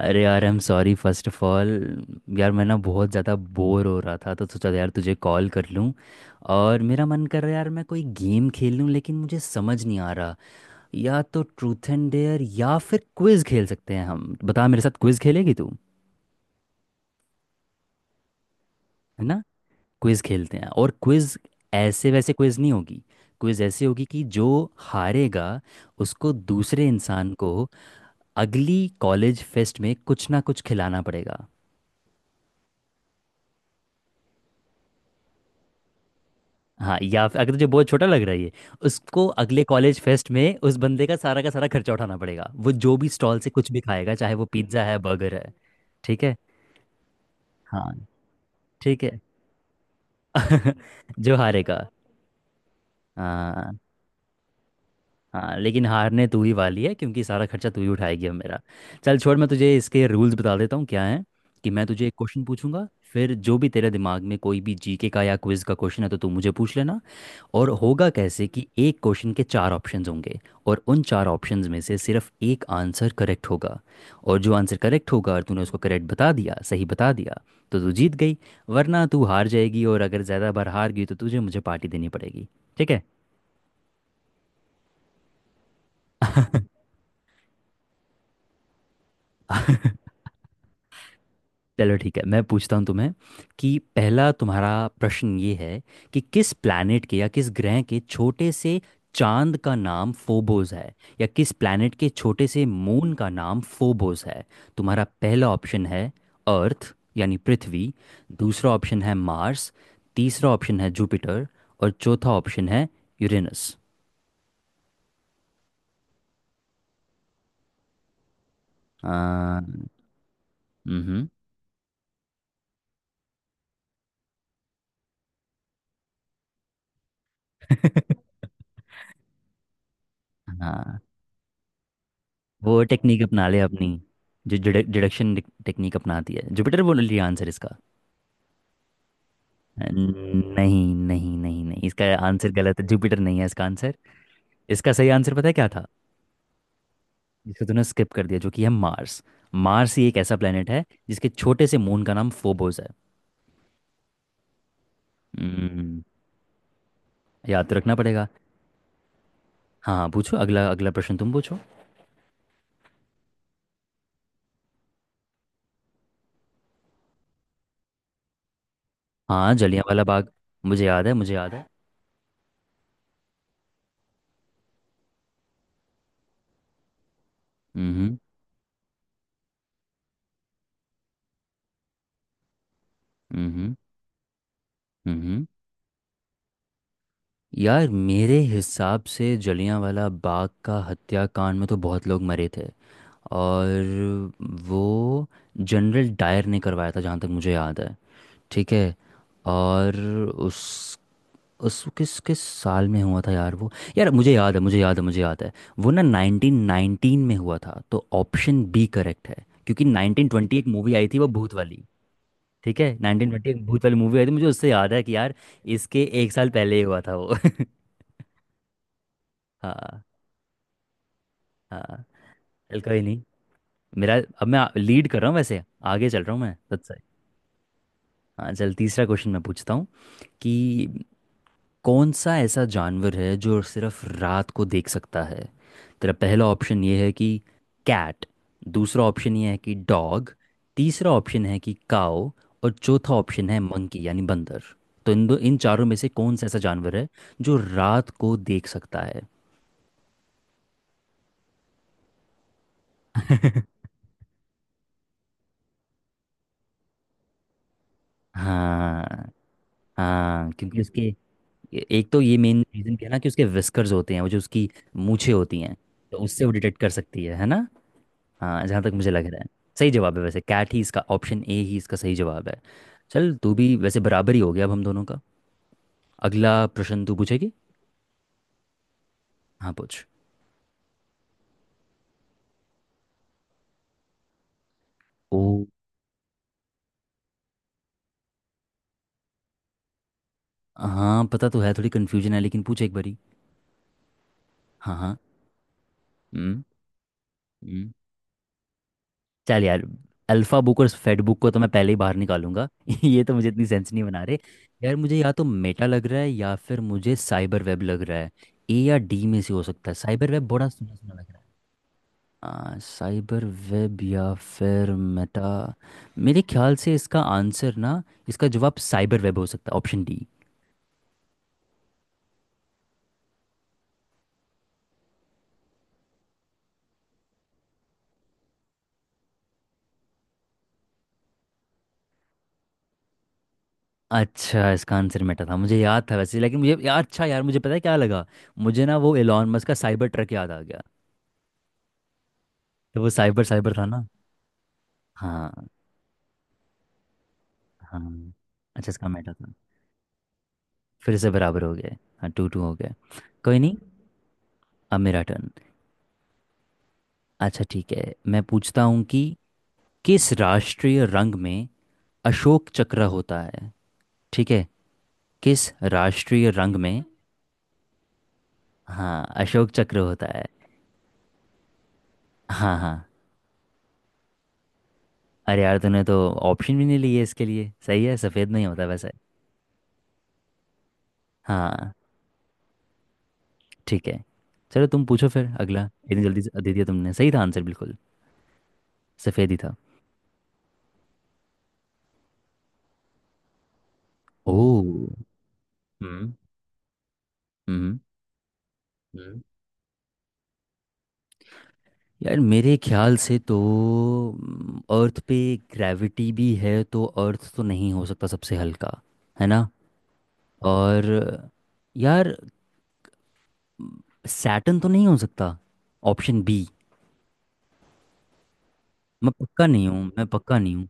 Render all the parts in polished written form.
अरे यार, I am sorry first of all. यार, मैं ना बहुत ज़्यादा बोर हो रहा था तो सोचा यार तुझे कॉल कर लूँ। और मेरा मन कर रहा है यार, मैं कोई गेम खेल लूँ, लेकिन मुझे समझ नहीं आ रहा। या तो ट्रूथ एंड डेयर या फिर क्विज़ खेल सकते हैं हम। बता, मेरे साथ क्विज़ खेलेगी तू? है ना। क्विज़ खेलते हैं, और क्विज़ ऐसे वैसे क्विज़ नहीं होगी। क्विज़ ऐसी होगी कि जो हारेगा उसको दूसरे इंसान को अगली कॉलेज फेस्ट में कुछ ना कुछ खिलाना पड़ेगा। हाँ, या फिर अगर तुझे बहुत छोटा लग रहा है ये, उसको अगले कॉलेज फेस्ट में उस बंदे का सारा खर्चा उठाना पड़ेगा। वो जो भी स्टॉल से कुछ भी खाएगा, चाहे वो पिज्ज़ा है, बर्गर है। ठीक है। हाँ, ठीक है। जो हारेगा। हाँ हाँ, लेकिन हारने तू ही वाली है, क्योंकि सारा खर्चा तू ही उठाएगी अब मेरा। चल छोड़, मैं तुझे इसके रूल्स बता देता हूँ। क्या है कि मैं तुझे एक क्वेश्चन पूछूंगा। फिर जो भी तेरे दिमाग में कोई भी जीके का या क्विज का क्वेश्चन है तो तू मुझे पूछ लेना। और होगा कैसे कि एक क्वेश्चन के चार ऑप्शंस होंगे। और उन चार ऑप्शंस में से सिर्फ एक आंसर करेक्ट होगा। और जो आंसर करेक्ट होगा और तूने उसको करेक्ट बता दिया, सही बता दिया, तो तू जीत गई। वरना तू हार जाएगी, और अगर ज़्यादा बार हार गई तो तुझे मुझे पार्टी देनी पड़ेगी। ठीक। है चलो ठीक है, मैं पूछता हूँ तुम्हें कि पहला तुम्हारा प्रश्न ये है कि किस प्लैनेट के या किस ग्रह के छोटे से चांद का नाम फोबोस है, या किस प्लैनेट के छोटे से मून का नाम फोबोस है। तुम्हारा पहला ऑप्शन है अर्थ यानी पृथ्वी। दूसरा ऑप्शन है मार्स। तीसरा ऑप्शन है जुपिटर। और चौथा ऑप्शन है यूरेनस। आ, हम्म। वो टेक्निक अपना ले अपनी, जो डिडक्शन टेक्निक अपनाती है। जुपिटर बोल लिया आंसर इसका? न- नहीं नहीं नहीं नहीं इसका आंसर गलत है, जुपिटर नहीं है इसका आंसर। इसका सही आंसर पता है क्या था, जिसको तूने स्किप कर दिया, जो कि है मार्स। मार्स ही एक ऐसा प्लेनेट है जिसके छोटे से मून का नाम फोबोस है। हम्म, याद तो रखना पड़ेगा। हाँ, पूछो अगला। अगला प्रश्न तुम पूछो। हाँ, जलियांवाला बाग, मुझे याद है, मुझे याद है। हम्म हम्म हम्म हम्म। यार, मेरे हिसाब से जलियांवाला बाग का हत्याकांड में तो बहुत लोग मरे थे। और वो जनरल डायर ने करवाया था, जहाँ तक मुझे याद है। ठीक है। और उस उस किस किस साल में हुआ था यार वो? यार, मुझे याद है, मुझे याद है, मुझे याद है। वो ना 1919 में हुआ था, तो ऑप्शन बी करेक्ट है। क्योंकि 1920 एक मूवी आई थी वो भूत वाली। ठीक है, 1920 एक भूत वाली मूवी आई थी, मुझे उससे याद है कि यार इसके एक साल पहले ही हुआ था वो। हाँ हाँ। चल, कोई नहीं। मेरा, अब मैं लीड कर रहा हूँ वैसे। आगे चल रहा हूँ मैं, that's it। हाँ चल, तीसरा क्वेश्चन मैं पूछता हूँ कि कौन सा ऐसा जानवर है जो सिर्फ रात को देख सकता है। तेरा पहला ऑप्शन ये है कि कैट। दूसरा ऑप्शन ये है कि डॉग। तीसरा ऑप्शन है कि काओ। और चौथा ऑप्शन है मंकी यानी बंदर। तो इन चारों में से कौन सा ऐसा जानवर है जो रात को देख सकता है? हाँ, हाँ क्योंकि उसके, एक तो ये मेन रीजन क्या है ना कि उसके विस्कर्स होते हैं, वो जो उसकी मूछें होती हैं। तो उससे वो डिटेक्ट कर सकती है ना। हाँ, जहाँ तक मुझे लग रहा है सही जवाब है वैसे कैट ही, इसका ऑप्शन ए ही इसका सही जवाब है। चल, तू भी वैसे बराबर ही हो गया अब हम दोनों का। अगला प्रश्न तू पूछेगी। हाँ पूछ। ओ, हाँ, पता तो है, थोड़ी कन्फ्यूजन है लेकिन पूछ एक बारी। हाँ हाँ। हम्म हम्म। चल यार, अल्फा बुक और फेड बुक को तो मैं पहले ही बाहर निकालूंगा। ये तो मुझे इतनी सेंस नहीं बना रहे। यार, मुझे या तो मेटा लग रहा है या फिर मुझे साइबर वेब लग रहा है। ए या डी में से हो सकता है। साइबर वेब बड़ा सुना सुना लग रहा है। साइबर वेब या फिर मेटा। मेरे ख्याल से इसका आंसर ना, इसका जवाब साइबर वेब हो सकता है, ऑप्शन डी। अच्छा, इसका आंसर मेटा था? मुझे याद था वैसे, लेकिन मुझे यार, अच्छा यार मुझे पता है क्या लगा। मुझे ना वो एलॉन मस्क का साइबर ट्रक याद आ गया। तो वो साइबर, साइबर था ना। हाँ हाँ। अच्छा, इसका मेटा था। फिर से बराबर हो गए, हाँ टू टू हो गए। कोई नहीं, अब मेरा टर्न। अच्छा ठीक है, मैं पूछता हूँ कि किस राष्ट्रीय रंग में अशोक चक्र होता है। ठीक है, किस राष्ट्रीय रंग में, हाँ, अशोक चक्र होता है। हाँ हाँ, अरे यार, तूने तो ऑप्शन भी नहीं लिए। इसके लिए सही है, सफ़ेद नहीं होता वैसे। हाँ ठीक है, चलो तुम पूछो फिर अगला। इतनी जल्दी से दे दिया तुमने, सही था आंसर बिल्कुल। सफ़ेद ही था। ओह, हम्म हम्म हम्म। यार, मेरे ख्याल से तो अर्थ पे ग्रेविटी भी है, तो अर्थ तो नहीं हो सकता सबसे हल्का, है ना। और यार, सैटर्न तो नहीं हो सकता, ऑप्शन बी। मैं पक्का नहीं हूँ, मैं पक्का नहीं हूँ।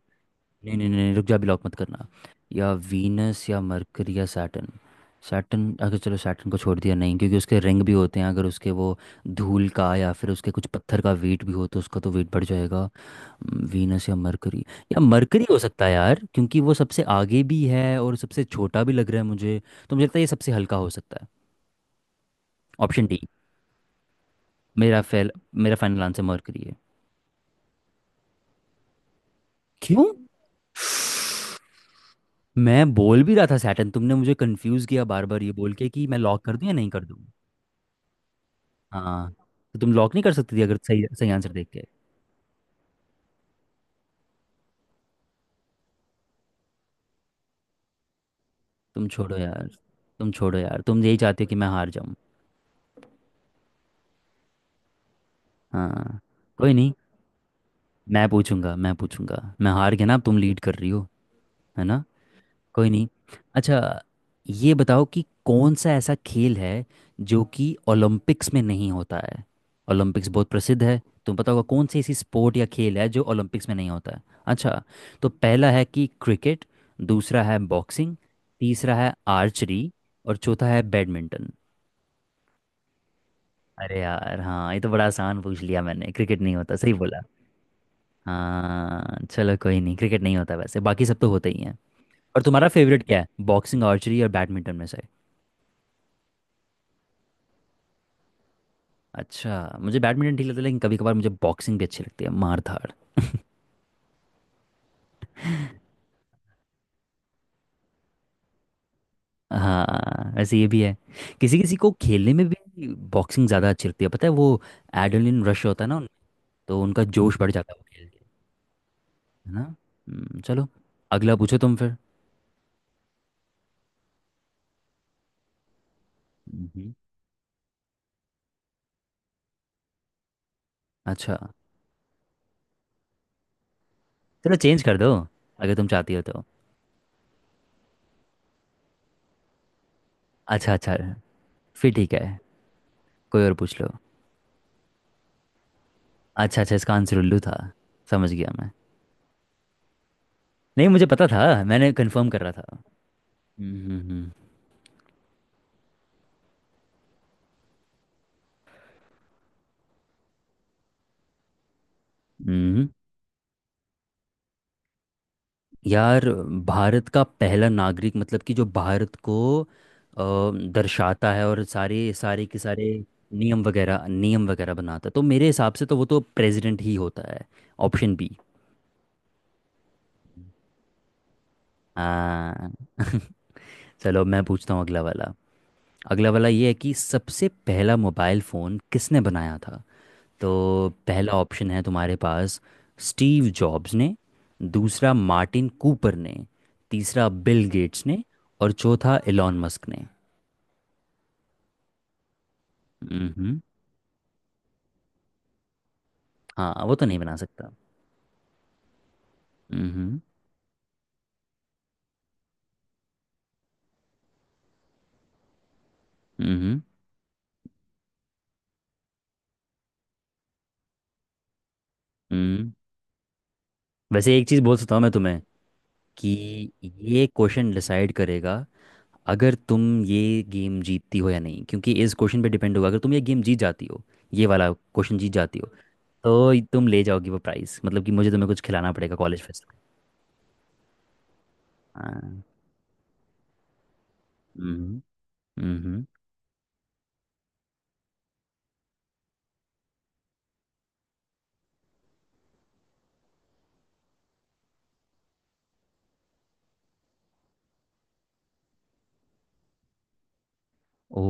नहीं नहीं नहीं, रुक जा, भी लॉक मत करना। या वीनस या मरकरी या सैटर्न। सैटर्न, अगर, चलो सैटर्न को छोड़ दिया नहीं, क्योंकि उसके रिंग भी होते हैं। अगर उसके वो धूल का या फिर उसके कुछ पत्थर का वेट भी हो तो उसका तो वेट बढ़ जाएगा। वीनस या मरकरी। या मरकरी हो सकता है यार, क्योंकि वो सबसे आगे भी है और सबसे छोटा भी लग रहा है मुझे। तो मुझे लगता है ये सबसे हल्का हो सकता है। ऑप्शन डी, मेरा फेल। मेरा फाइनल आंसर मरकरी है। क्यों? मैं बोल भी रहा था सैटर्न, तुमने मुझे कंफ्यूज किया बार बार, ये बोल के कि मैं लॉक कर दूं या नहीं कर दूं। हाँ, तो तुम लॉक नहीं कर सकती थी अगर सही सही आंसर देख के। तुम छोड़ो यार, तुम छोड़ो यार, तुम यही चाहते हो कि मैं हार जाऊं। हाँ, कोई नहीं। मैं पूछूंगा, मैं हार गया ना, अब तुम लीड कर रही हो, है ना। कोई नहीं। अच्छा ये बताओ कि कौन सा ऐसा खेल है जो कि ओलंपिक्स में नहीं होता है। ओलंपिक्स बहुत प्रसिद्ध है, तुम पता होगा कौन सी ऐसी स्पोर्ट या खेल है जो ओलंपिक्स में नहीं होता है। अच्छा, तो पहला है कि क्रिकेट। दूसरा है बॉक्सिंग। तीसरा है आर्चरी। और चौथा है बैडमिंटन। अरे यार हाँ, ये तो बड़ा आसान पूछ लिया मैंने। क्रिकेट नहीं होता, सही बोला। हाँ चलो, कोई नहीं, क्रिकेट नहीं होता, वैसे बाकी सब तो होते ही हैं। और तुम्हारा फेवरेट क्या है, बॉक्सिंग, आर्चरी और बैडमिंटन में से? अच्छा, मुझे बैडमिंटन ठीक लगता है, लेकिन कभी कभार मुझे बॉक्सिंग भी अच्छी लगती है, मार धाड़। हाँ वैसे ये भी है, किसी किसी को खेलने में भी बॉक्सिंग ज़्यादा अच्छी लगती है। पता है वो एड्रेनलिन रश होता है ना उनमें, तो उनका जोश बढ़ जाता है वो खेल के, है ना। चलो, अगला पूछो तुम फिर। हम्म। अच्छा चलो चेंज कर दो अगर तुम चाहती हो तो। अच्छा अच्छा, फिर ठीक है, कोई और पूछ लो। अच्छा अच्छा, इसका आंसर उल्लू था, समझ गया मैं। नहीं, मुझे पता था, मैंने कंफर्म कर रहा था। हम्म हम्म हम्म। यार, भारत का पहला नागरिक मतलब कि जो भारत को दर्शाता है और सारे सारे के सारे नियम वगैरह बनाता है, तो मेरे हिसाब से तो वो तो प्रेसिडेंट ही होता है, ऑप्शन बी। हाँ। चलो मैं पूछता हूँ अगला वाला। अगला वाला ये है कि सबसे पहला मोबाइल फ़ोन किसने बनाया था। तो पहला ऑप्शन है तुम्हारे पास, स्टीव जॉब्स ने। दूसरा मार्टिन कूपर ने। तीसरा बिल गेट्स ने। और चौथा एलॉन मस्क ने। हम्म, हाँ वो तो नहीं बना सकता। हम्म हम्म हम्म वैसे एक चीज़ बोल सकता हूँ मैं तुम्हें कि ये क्वेश्चन डिसाइड करेगा अगर तुम ये गेम जीतती हो या नहीं, क्योंकि इस क्वेश्चन पे डिपेंड होगा अगर तुम ये गेम जीत जाती हो, ये वाला क्वेश्चन जीत जाती हो, तो ये तुम ले जाओगी वो प्राइस, मतलब कि मुझे तुम्हें कुछ खिलाना पड़ेगा कॉलेज फेस्ट में। हाँ। हम्म हम्म ओ,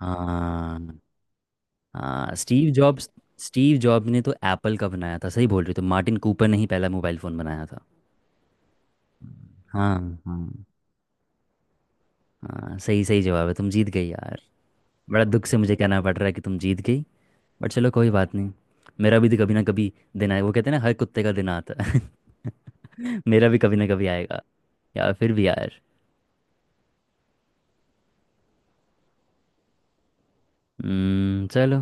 हाँ हाँ, स्टीव जॉब्स। स्टीव जॉब ने तो एप्पल का बनाया था, सही बोल रही हो, तो मार्टिन कूपर ने ही पहला मोबाइल फ़ोन बनाया था। हाँ हाँ, हाँ सही सही जवाब है, तुम जीत गई यार। बड़ा दुख से मुझे कहना पड़ रहा है कि तुम जीत गई। बट चलो कोई बात नहीं, मेरा भी तो कभी ना कभी दिन आए, वो कहते हैं ना, हर कुत्ते का दिन आता है। मेरा भी कभी ना कभी आएगा। यार फिर भी यार, चलो,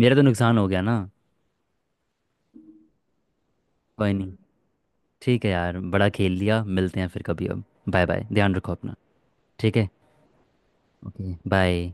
मेरा तो नुकसान हो गया ना। कोई नहीं। ठीक है यार, बड़ा खेल लिया, मिलते हैं फिर कभी अब। बाय बाय, ध्यान रखो अपना, ठीक है। Okay bye.